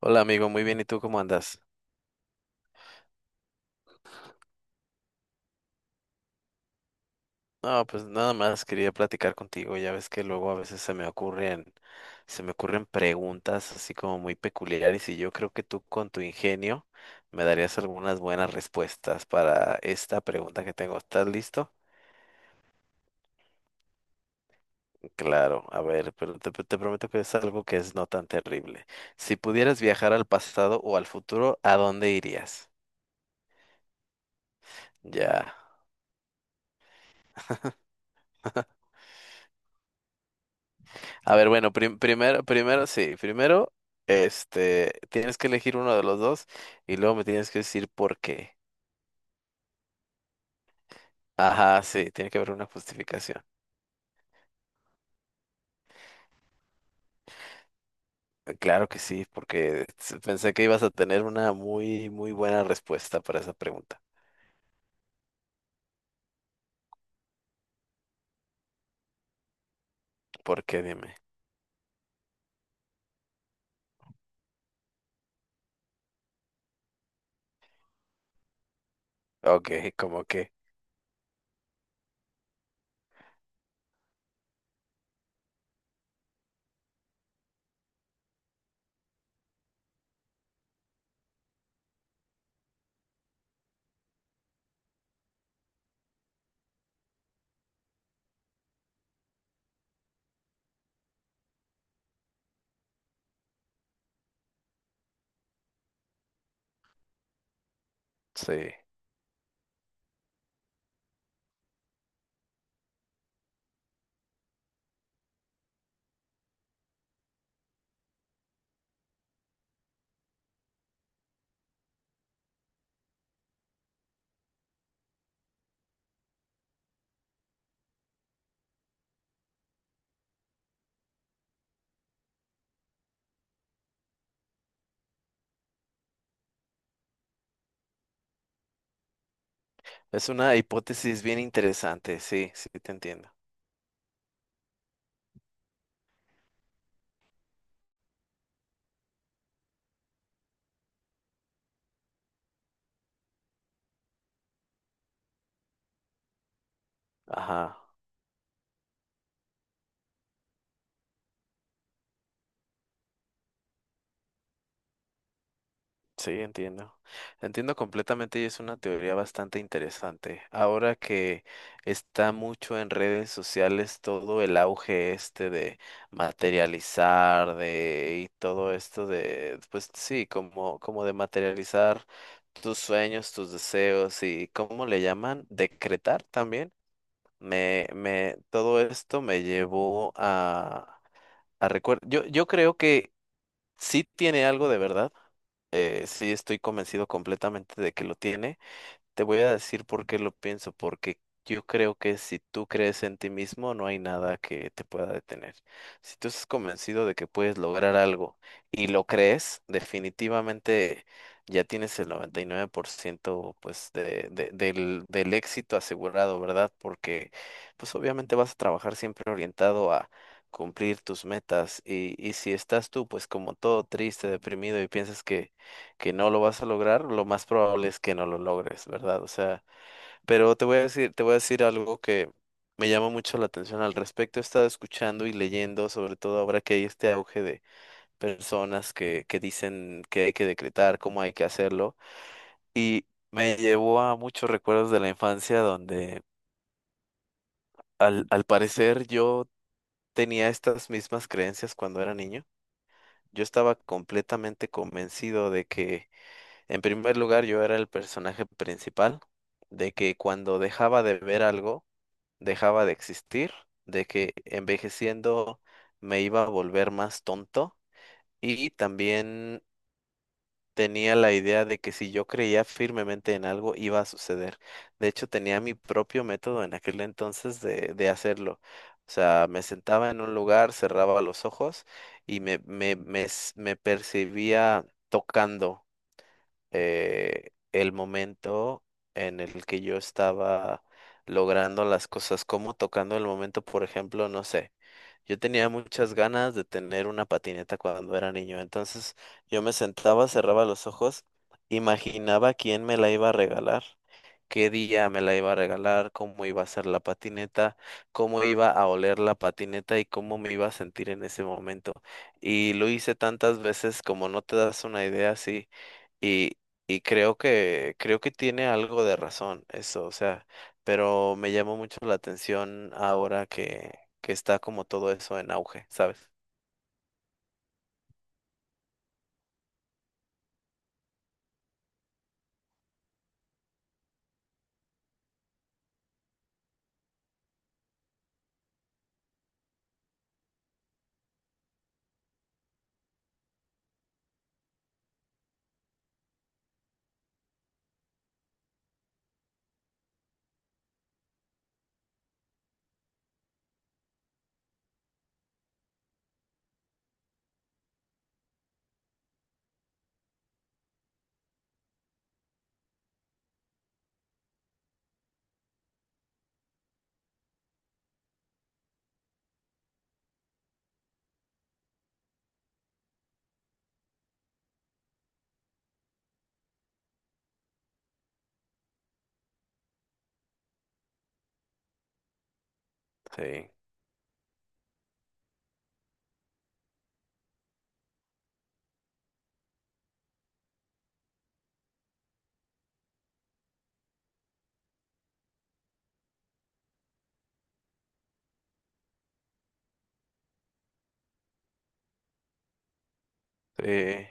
Hola amigo, muy bien, ¿y tú cómo andas? No, pues nada más quería platicar contigo, ya ves que luego a veces se me ocurren preguntas así como muy peculiares y yo creo que tú con tu ingenio me darías algunas buenas respuestas para esta pregunta que tengo. ¿Estás listo? Claro, a ver, pero te prometo que es algo que es no tan terrible. Si pudieras viajar al pasado o al futuro, ¿a dónde irías? Ya. A ver, bueno, sí, primero, tienes que elegir uno de los dos y luego me tienes que decir por qué. Ajá, sí, tiene que haber una justificación. Claro que sí, porque pensé que ibas a tener una muy, muy buena respuesta para esa pregunta. ¿Por qué? Dime. Ok, como que, sí. Es una hipótesis bien interesante, sí, sí, te entiendo. Ajá. Sí, entiendo. Entiendo completamente y es una teoría bastante interesante. Ahora que está mucho en redes sociales todo el auge este de materializar, de y todo esto de, pues sí, como, como de materializar tus sueños, tus deseos y ¿cómo le llaman? Decretar también. Todo esto me llevó a, yo creo que sí tiene algo de verdad sí, estoy convencido completamente de que lo tiene. Te voy a decir por qué lo pienso, porque yo creo que si tú crees en ti mismo, no hay nada que te pueda detener. Si tú estás convencido de que puedes lograr algo y lo crees, definitivamente ya tienes el 99%, pues de, del éxito asegurado, ¿verdad? Porque pues obviamente vas a trabajar siempre orientado a cumplir tus metas y si estás tú pues como todo triste, deprimido y piensas que no lo vas a lograr, lo más probable es que no lo logres, ¿verdad? O sea, pero te voy a decir algo que me llama mucho la atención al respecto. He estado escuchando y leyendo, sobre todo ahora que hay este auge de personas que dicen que hay que decretar, cómo hay que hacerlo, y me llevó a muchos recuerdos de la infancia donde al parecer yo tenía estas mismas creencias cuando era niño. Yo estaba completamente convencido de que en primer lugar, yo era el personaje principal, de que cuando dejaba de ver algo, dejaba de existir, de que envejeciendo me iba a volver más tonto y también tenía la idea de que si yo creía firmemente en algo, iba a suceder. De hecho, tenía mi propio método en aquel entonces de hacerlo. O sea, me sentaba en un lugar, cerraba los ojos y me percibía tocando el momento en el que yo estaba logrando las cosas, como tocando el momento, por ejemplo, no sé, yo tenía muchas ganas de tener una patineta cuando era niño, entonces yo me sentaba, cerraba los ojos, imaginaba quién me la iba a regalar. Qué día me la iba a regalar, cómo iba a ser la patineta, cómo iba a oler la patineta y cómo me iba a sentir en ese momento. Y lo hice tantas veces como no te das una idea así. Y creo que tiene algo de razón eso, o sea, pero me llamó mucho la atención ahora que está como todo eso en auge, ¿sabes? Sí, sí,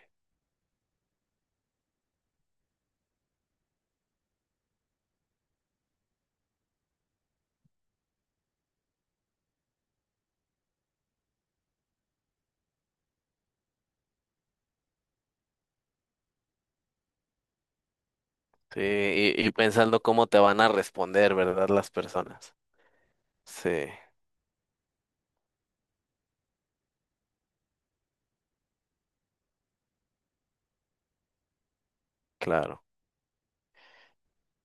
sí, y pensando cómo te van a responder, ¿verdad? Las personas. Sí, claro,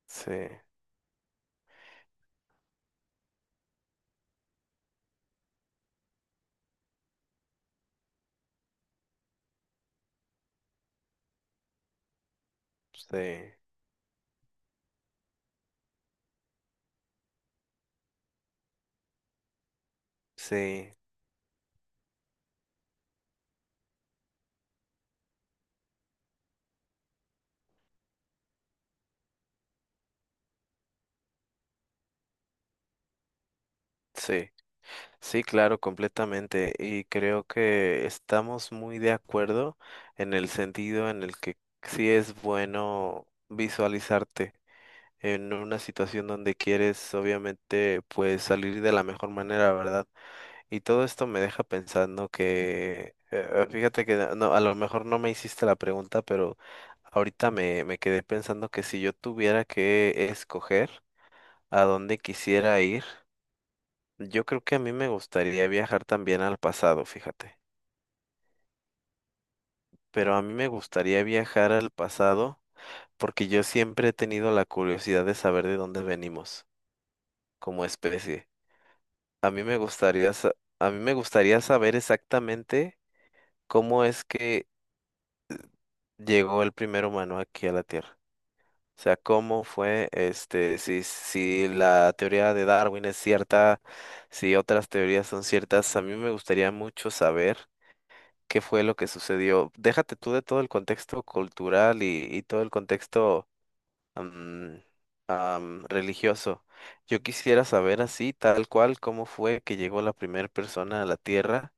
sí, sí, sí, sí, sí, claro, completamente. Y creo que estamos muy de acuerdo en el sentido en el que sí es bueno visualizarte en una situación donde quieres obviamente pues salir de la mejor manera, ¿verdad? Y todo esto me deja pensando que, fíjate que no, no, a lo mejor no me hiciste la pregunta, pero ahorita me quedé pensando que si yo tuviera que escoger a dónde quisiera ir, yo creo que a mí me gustaría viajar también al pasado, fíjate, pero a mí me gustaría viajar al pasado porque yo siempre he tenido la curiosidad de saber de dónde venimos como especie. A mí me gustaría, sa- a mí me gustaría saber exactamente cómo es que llegó el primer humano aquí a la Tierra. O sea, cómo fue, este, si la teoría de Darwin es cierta, si otras teorías son ciertas. A mí me gustaría mucho saber qué fue lo que sucedió. Déjate tú de todo el contexto cultural y todo el contexto am, religioso. Yo quisiera saber así, tal cual, cómo fue que llegó la primera persona a la Tierra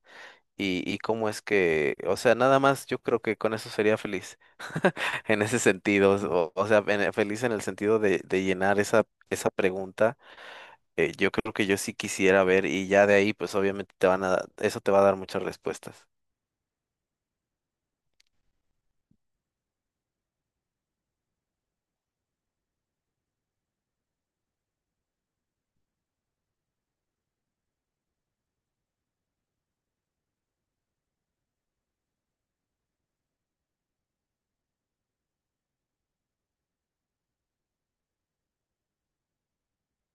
y cómo es que, o sea, nada más yo creo que con eso sería feliz en ese sentido, o sea, feliz en el sentido de llenar esa, esa pregunta. Yo creo que yo sí quisiera ver y ya de ahí, pues obviamente te van a, eso te va a dar muchas respuestas.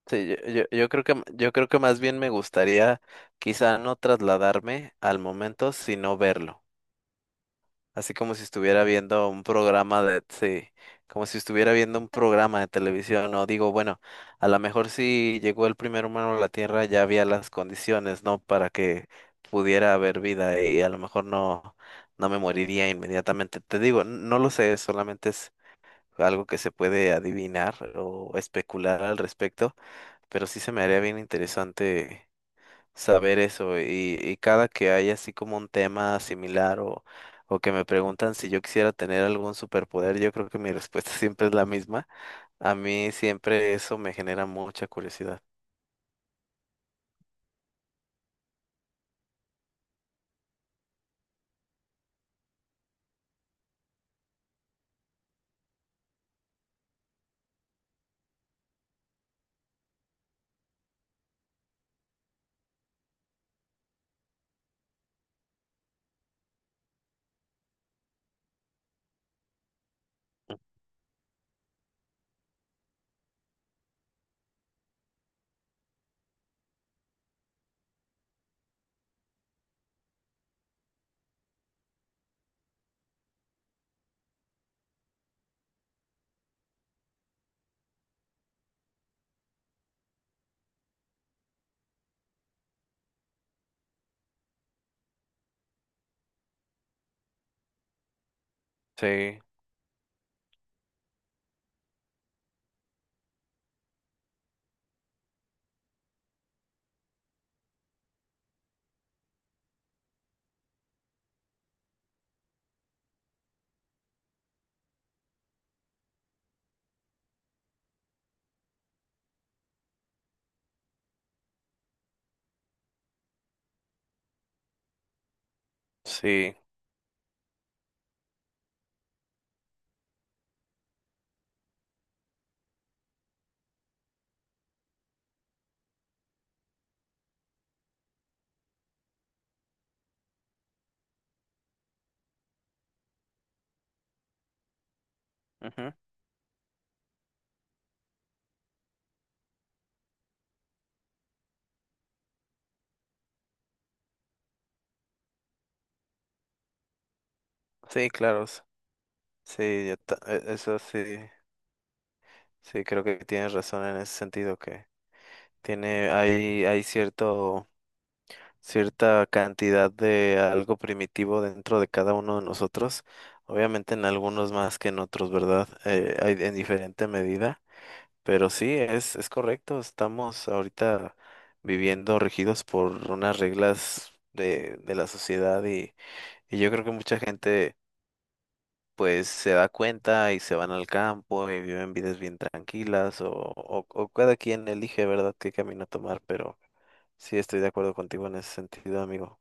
Sí, yo creo que, yo creo que más bien me gustaría quizá no trasladarme al momento, sino verlo. Así como si estuviera viendo un programa de, sí, como si estuviera viendo un programa de televisión, no digo, bueno, a lo mejor si llegó el primer humano a la Tierra ya había las condiciones, ¿no? Para que pudiera haber vida y a lo mejor no, no me moriría inmediatamente. Te digo, no lo sé, solamente es algo que se puede adivinar o especular al respecto, pero sí se me haría bien interesante saber eso y cada que hay así como un tema similar o que me preguntan si yo quisiera tener algún superpoder, yo creo que mi respuesta siempre es la misma. A mí siempre eso me genera mucha curiosidad. Sí, sí, ujú, sí, claro, sí, eso sí, sí, creo que tienes razón en ese sentido que hay cierto... cierta cantidad de algo primitivo dentro de cada uno de nosotros. Obviamente en algunos más que en otros, ¿verdad? Hay en diferente medida, pero sí, es correcto. Estamos ahorita viviendo regidos por unas reglas de la sociedad y yo creo que mucha gente pues se da cuenta y se van al campo y viven vidas bien tranquilas o cada quien elige, ¿verdad?, qué camino tomar, pero sí estoy de acuerdo contigo en ese sentido, amigo.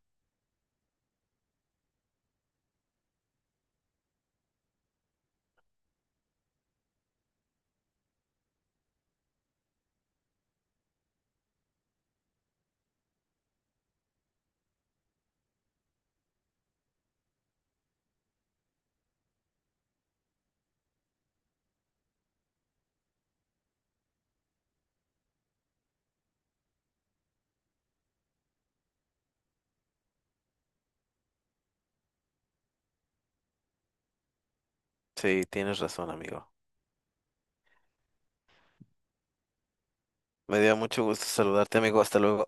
Sí, tienes razón, amigo. Me dio mucho gusto saludarte, amigo. Hasta luego.